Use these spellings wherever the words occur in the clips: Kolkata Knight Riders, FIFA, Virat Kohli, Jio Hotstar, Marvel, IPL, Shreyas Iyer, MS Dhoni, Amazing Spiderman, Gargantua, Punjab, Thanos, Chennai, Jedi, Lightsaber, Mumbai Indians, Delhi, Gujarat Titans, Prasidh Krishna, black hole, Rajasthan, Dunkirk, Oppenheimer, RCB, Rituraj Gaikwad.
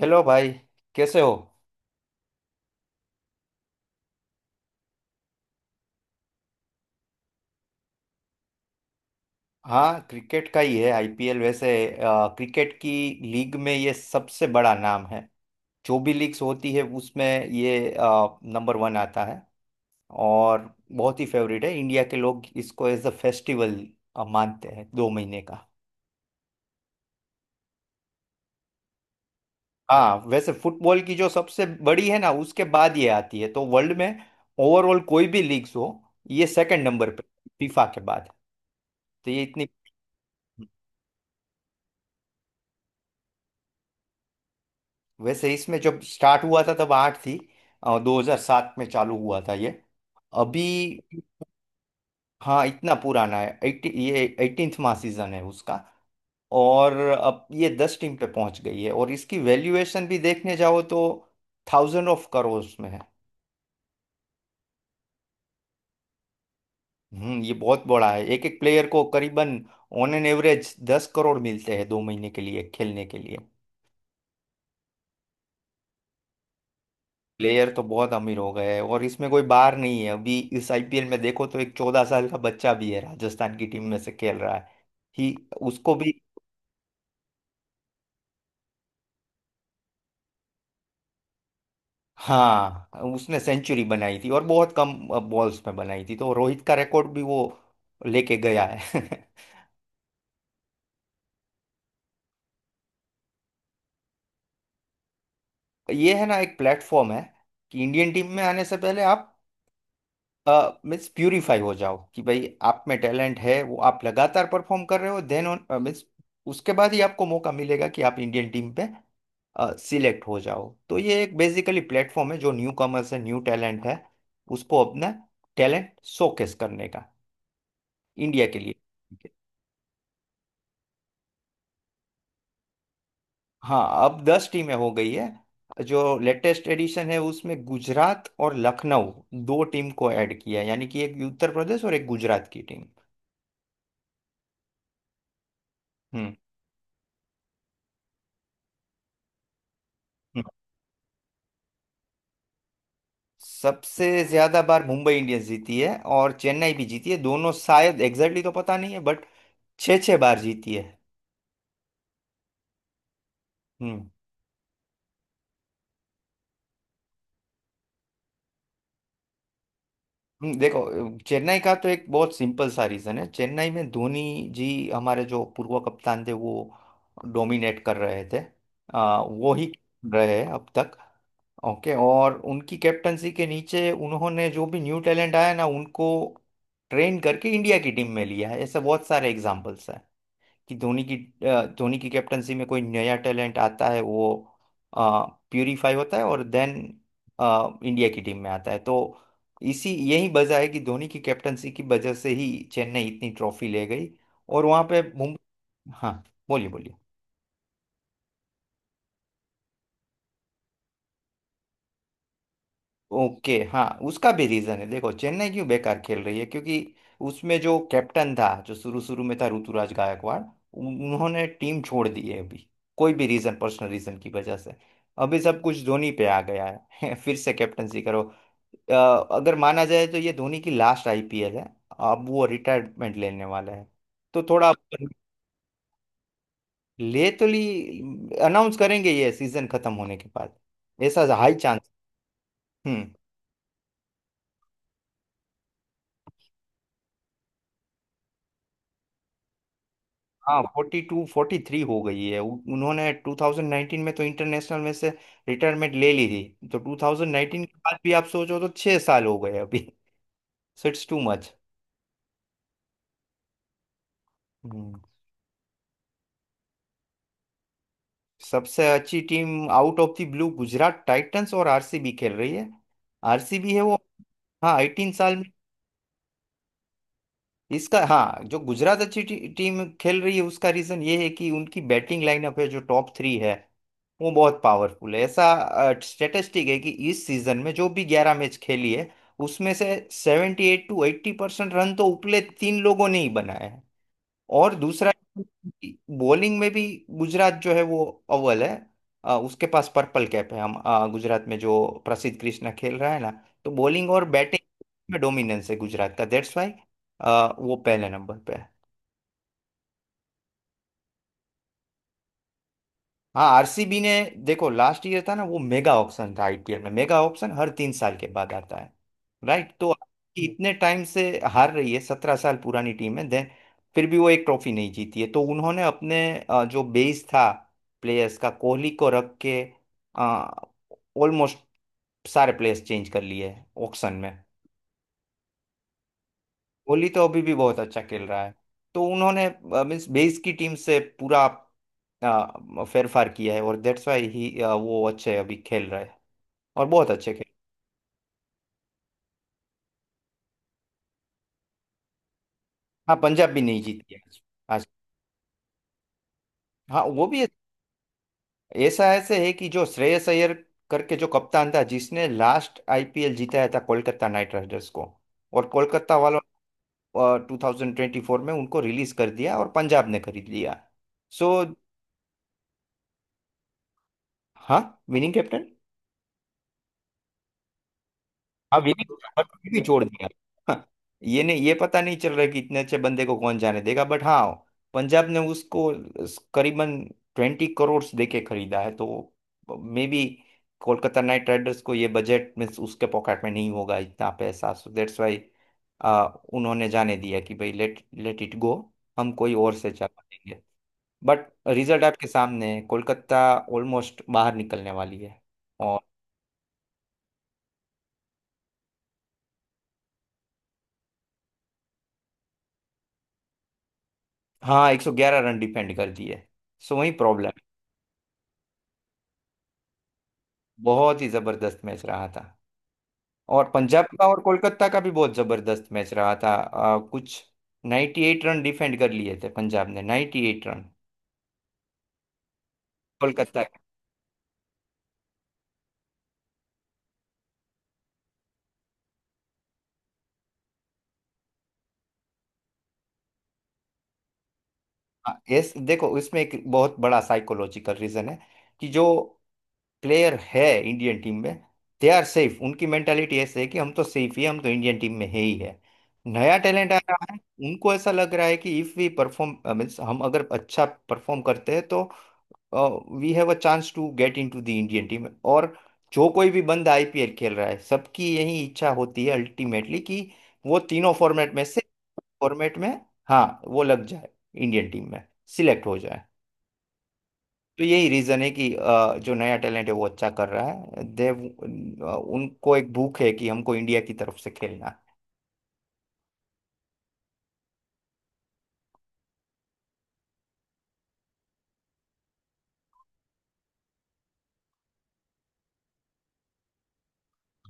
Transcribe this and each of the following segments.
Hello भाई। कैसे हो? हाँ, क्रिकेट का ही है आईपीएल वैसे। क्रिकेट की लीग में ये सबसे बड़ा नाम है। जो भी लीग्स होती है उसमें ये नंबर वन आता है। और बहुत ही फेवरेट है। इंडिया के लोग इसको एज अ फेस्टिवल मानते हैं, दो महीने का। हाँ, वैसे फुटबॉल की जो सबसे बड़ी है ना, उसके बाद ये आती है तो वर्ल्ड में ओवरऑल कोई भी लीग्स हो, ये सेकंड नंबर पे फीफा के बाद। तो ये इतनी। वैसे इसमें जब स्टार्ट हुआ था तब आठ थी। 2007 में चालू हुआ था ये। अभी। हाँ, इतना पुराना है। 80 ये 18वां सीजन है उसका। और अब ये 10 टीम पे पहुंच गई है और इसकी वैल्यूएशन भी देखने जाओ तो थाउजेंड ऑफ करोड़ में है। हम्म, ये बहुत बड़ा है। एक एक प्लेयर को करीबन ऑन एन एवरेज 10 करोड़ मिलते हैं, दो महीने के लिए खेलने के लिए। प्लेयर तो बहुत अमीर हो गए हैं और इसमें कोई बार नहीं है। अभी इस आईपीएल में देखो तो एक 14 साल का बच्चा भी है, राजस्थान की टीम में से खेल रहा है। ही। उसको भी। हाँ, उसने सेंचुरी बनाई थी और बहुत कम बॉल्स में बनाई थी, तो रोहित का रिकॉर्ड भी वो लेके गया है। ये है ना, एक प्लेटफॉर्म है कि इंडियन टीम में आने से पहले आप मीन्स प्यूरिफाई हो जाओ कि भाई आप में टैलेंट है, वो आप लगातार परफॉर्म कर रहे हो देन मीन्स उसके बाद ही आपको मौका मिलेगा कि आप इंडियन टीम पे सिलेक्ट हो जाओ। तो ये एक बेसिकली प्लेटफॉर्म है, जो न्यू कमर्स है, न्यू टैलेंट है, उसको अपना टैलेंट शोकेस करने का इंडिया के लिए। हाँ, अब 10 टीमें हो गई है। जो लेटेस्ट एडिशन है, उसमें गुजरात और लखनऊ, दो टीम को ऐड किया है, यानी कि एक उत्तर प्रदेश और एक गुजरात की टीम। हम्म, सबसे ज्यादा बार मुंबई इंडियंस जीती है और चेन्नई भी जीती है दोनों। शायद एग्जैक्टली तो पता नहीं है बट छः छः बार जीती है। हम्म। देखो, चेन्नई का तो एक बहुत सिंपल सा रीजन है। चेन्नई में धोनी जी, हमारे जो पूर्व कप्तान थे, वो डोमिनेट कर रहे थे। वो ही रहे हैं अब तक। ओके, और उनकी कैप्टनसी के नीचे उन्होंने जो भी न्यू टैलेंट आया ना उनको ट्रेन करके इंडिया की टीम में लिया है। ऐसे बहुत सारे एग्जाम्पल्स हैं कि धोनी की कैप्टनसी में कोई नया टैलेंट आता है, वो प्यूरिफाई होता है और देन इंडिया की टीम में आता है। तो इसी यही वजह है कि धोनी की कैप्टनसी की वजह से ही चेन्नई इतनी ट्रॉफी ले गई। और वहां पे मुंबई। हाँ, बोलिए बोलिए। ओके, हाँ उसका भी रीजन है। देखो, चेन्नई क्यों बेकार खेल रही है, क्योंकि उसमें जो कैप्टन था, जो शुरू शुरू में था, ऋतुराज गायकवाड़, उन्होंने टीम छोड़ दी है अभी, कोई भी रीजन, पर्सनल रीजन की वजह से। अभी सब कुछ धोनी पे आ गया है। फिर से कैप्टनसी करो। अ, अगर माना जाए तो ये धोनी की लास्ट आईपीएल है। अब वो रिटायरमेंट लेने वाला है तो थोड़ा अपन। ले तो ली। अनाउंस करेंगे ये सीजन खत्म होने के बाद, ऐसा हाई चांस। हम्म। हाँ, 42-43 हो गई है। उन्होंने 2019 में तो इंटरनेशनल में से रिटायरमेंट ले ली थी। तो 2019 के बाद भी आप सोचो तो 6 साल हो गए अभी। So it's too much. Hmm. सबसे अच्छी team out of the blue Gujarat titans और आरसीबी खेल रही है। आरसीबी है वो। हाँ, 18 साल में। इसका, हाँ। जो गुजरात अच्छी टीम खेल रही है उसका रीजन ये है कि उनकी बैटिंग लाइनअप है जो टॉप थ्री है, वो बहुत पावरफुल है। ऐसा स्टेटिस्टिक है कि इस सीजन में जो भी 11 मैच खेली है उसमें से seventy eight to eighty percent run तो उपले तीन लोगों ने ही बनाए हैं। और दूसरा, बॉलिंग में भी गुजरात जो है वो अव्वल है। उसके पास पर्पल कैप है। गुजरात में जो प्रसिद्ध कृष्णा खेल रहा है ना, तो बॉलिंग और बैटिंग में डोमिनेंस है गुजरात का, दैट्स वाई वो पहले नंबर पे है। हाँ, आरसीबी ने, देखो लास्ट ईयर था ना, वो मेगा ऑप्शन था। आईपीएल में मेगा ऑप्शन हर 3 साल के बाद आता है, राइट। तो इतने टाइम से हार रही है, 17 साल पुरानी टीम है देन, फिर भी वो एक ट्रॉफी नहीं जीती है। तो उन्होंने अपने जो बेस था प्लेयर्स का, कोहली को रख के ऑलमोस्ट सारे प्लेयर्स चेंज कर लिए ऑक्शन में। कोहली तो अभी भी बहुत अच्छा खेल रहा है। तो उन्होंने मीन्स बेस की टीम से पूरा फेरफार किया है और दैट्स वाई ही वो अच्छे अभी खेल रहे हैं। और बहुत अच्छे खेल। हाँ, पंजाब भी नहीं जीती है आज आज। हाँ, वो भी। ऐसा ऐसे है कि जो श्रेयस अय्यर करके जो कप्तान था, जिसने लास्ट आईपीएल जीताया था कोलकाता नाइट राइडर्स को, और कोलकाता वालों 2024 में उनको रिलीज कर दिया और पंजाब ने खरीद लिया। सो। हाँ, विनिंग कैप्टन। अब ये नहीं, अब ये भी छोड़ दिया। हाँ, ये नहीं, ये पता नहीं चल रहा है कि इतने अच्छे बंदे को कौन जाने देगा, बट हाँ, पंजाब ने उसको करीबन 20 करोड़ देके खरीदा है। तो maybe Kolkata knight riders को, ये बजट में उसके पॉकेट में नहीं होगा इतना पैसा, सो दैट्स वाई उन्होंने जाने दिया कि भाई लेट लेट इट गो, हम कोई और से चला देंगे। बट रिजल्ट आपके सामने है, कोलकाता ऑलमोस्ट बाहर निकलने वाली है। हाँ, 111 रन डिफेंड कर दिए, सो वही प्रॉब्लम। बहुत ही जबरदस्त मैच रहा था। और पंजाब का और कोलकाता का भी बहुत जबरदस्त मैच रहा था। कुछ 98 रन डिफेंड कर लिए थे पंजाब ने, 98 रन कोलकाता के। हाँ, यस, देखो इसमें एक बहुत बड़ा साइकोलॉजिकल रीजन है कि जो प्लेयर है इंडियन टीम में, दे आर सेफ, उनकी मेंटालिटी ऐसे है कि हम तो सेफ ही हैं, हम तो इंडियन टीम में है ही है। नया टैलेंट आ रहा है, उनको ऐसा लग रहा है कि इफ वी परफॉर्म, मीन्स हम अगर अच्छा परफॉर्म करते हैं तो we have a chance to get into the Indian team. और जो कोई भी बंदा आईपीएल खेल रहा है, सबकी यही इच्छा होती है अल्टीमेटली कि वो तीनों फॉर्मेट में, हाँ, वो लग जाए इंडियन टीम में, सिलेक्ट हो जाए। तो यही रीजन है कि जो नया टैलेंट है वो अच्छा कर रहा है देव। उनको एक भूख है कि हमको इंडिया की तरफ से खेलना है।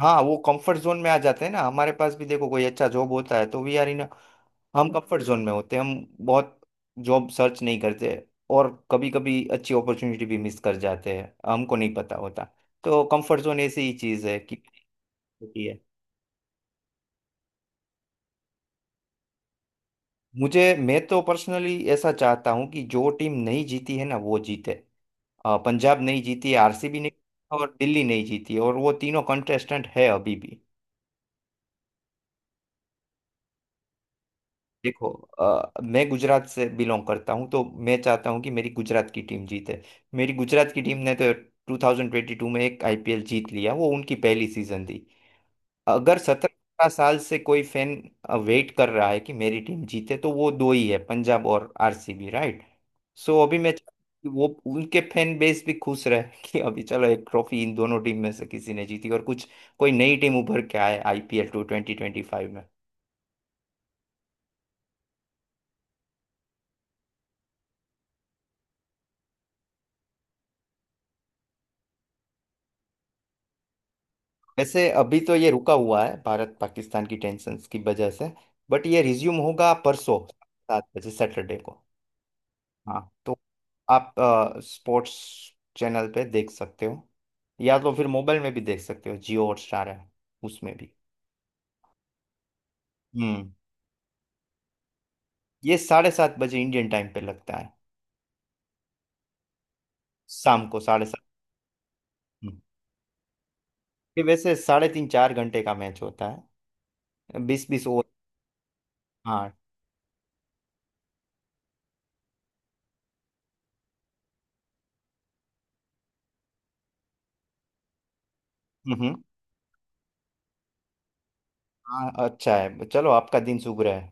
हाँ, वो कंफर्ट जोन में आ जाते हैं ना। हमारे पास भी देखो कोई अच्छा जॉब होता है तो वी आर इन, हम कंफर्ट जोन में होते हैं। हम बहुत जॉब सर्च नहीं करते और कभी कभी अच्छी अपॉर्चुनिटी भी मिस कर जाते हैं, हमको नहीं पता होता। तो कंफर्ट जोन ऐसी ही चीज़ है कि होती है। मुझे मैं तो पर्सनली ऐसा चाहता हूँ कि जो टीम नहीं जीती है ना, वो जीते। पंजाब नहीं जीती, आरसीबी नहीं, और दिल्ली नहीं जीती, और वो तीनों कंटेस्टेंट है अभी भी। देखो, मैं गुजरात से बिलोंग करता हूँ तो मैं चाहता हूँ कि मेरी गुजरात की टीम जीते। मेरी गुजरात की टीम ने तो 2022 में एक आईपीएल जीत लिया, वो उनकी पहली सीजन थी। अगर 17 साल से कोई फैन वेट कर रहा है कि मेरी टीम जीते, तो वो दो ही है, पंजाब और आरसीबी, राइट। सो अभी मैं चाहता हूं कि वो उनके फैन बेस भी खुश रहे कि अभी चलो एक ट्रॉफी इन दोनों टीम में से किसी ने जीती, और कुछ कोई नई टीम उभर के आए IPL two twenty twenty five में। वैसे अभी तो ये रुका हुआ है भारत पाकिस्तान की टेंशन की वजह से, बट ये रिज्यूम होगा परसों, 7 बजे, सैटरडे को। हाँ, तो आप स्पोर्ट्स चैनल पे देख सकते हो, या तो फिर मोबाइल में भी देख सकते हो, जियो हॉटस्टार है उसमें भी। हम्म, ये 7:30 बजे इंडियन टाइम पे लगता है। शाम को 7:30। हम्म। ये वैसे साढ़े तीन चार घंटे का मैच होता है, 20 20 ओवर। हाँ। हम्म। हाँ, अच्छा है, चलो आपका दिन शुभ रहे।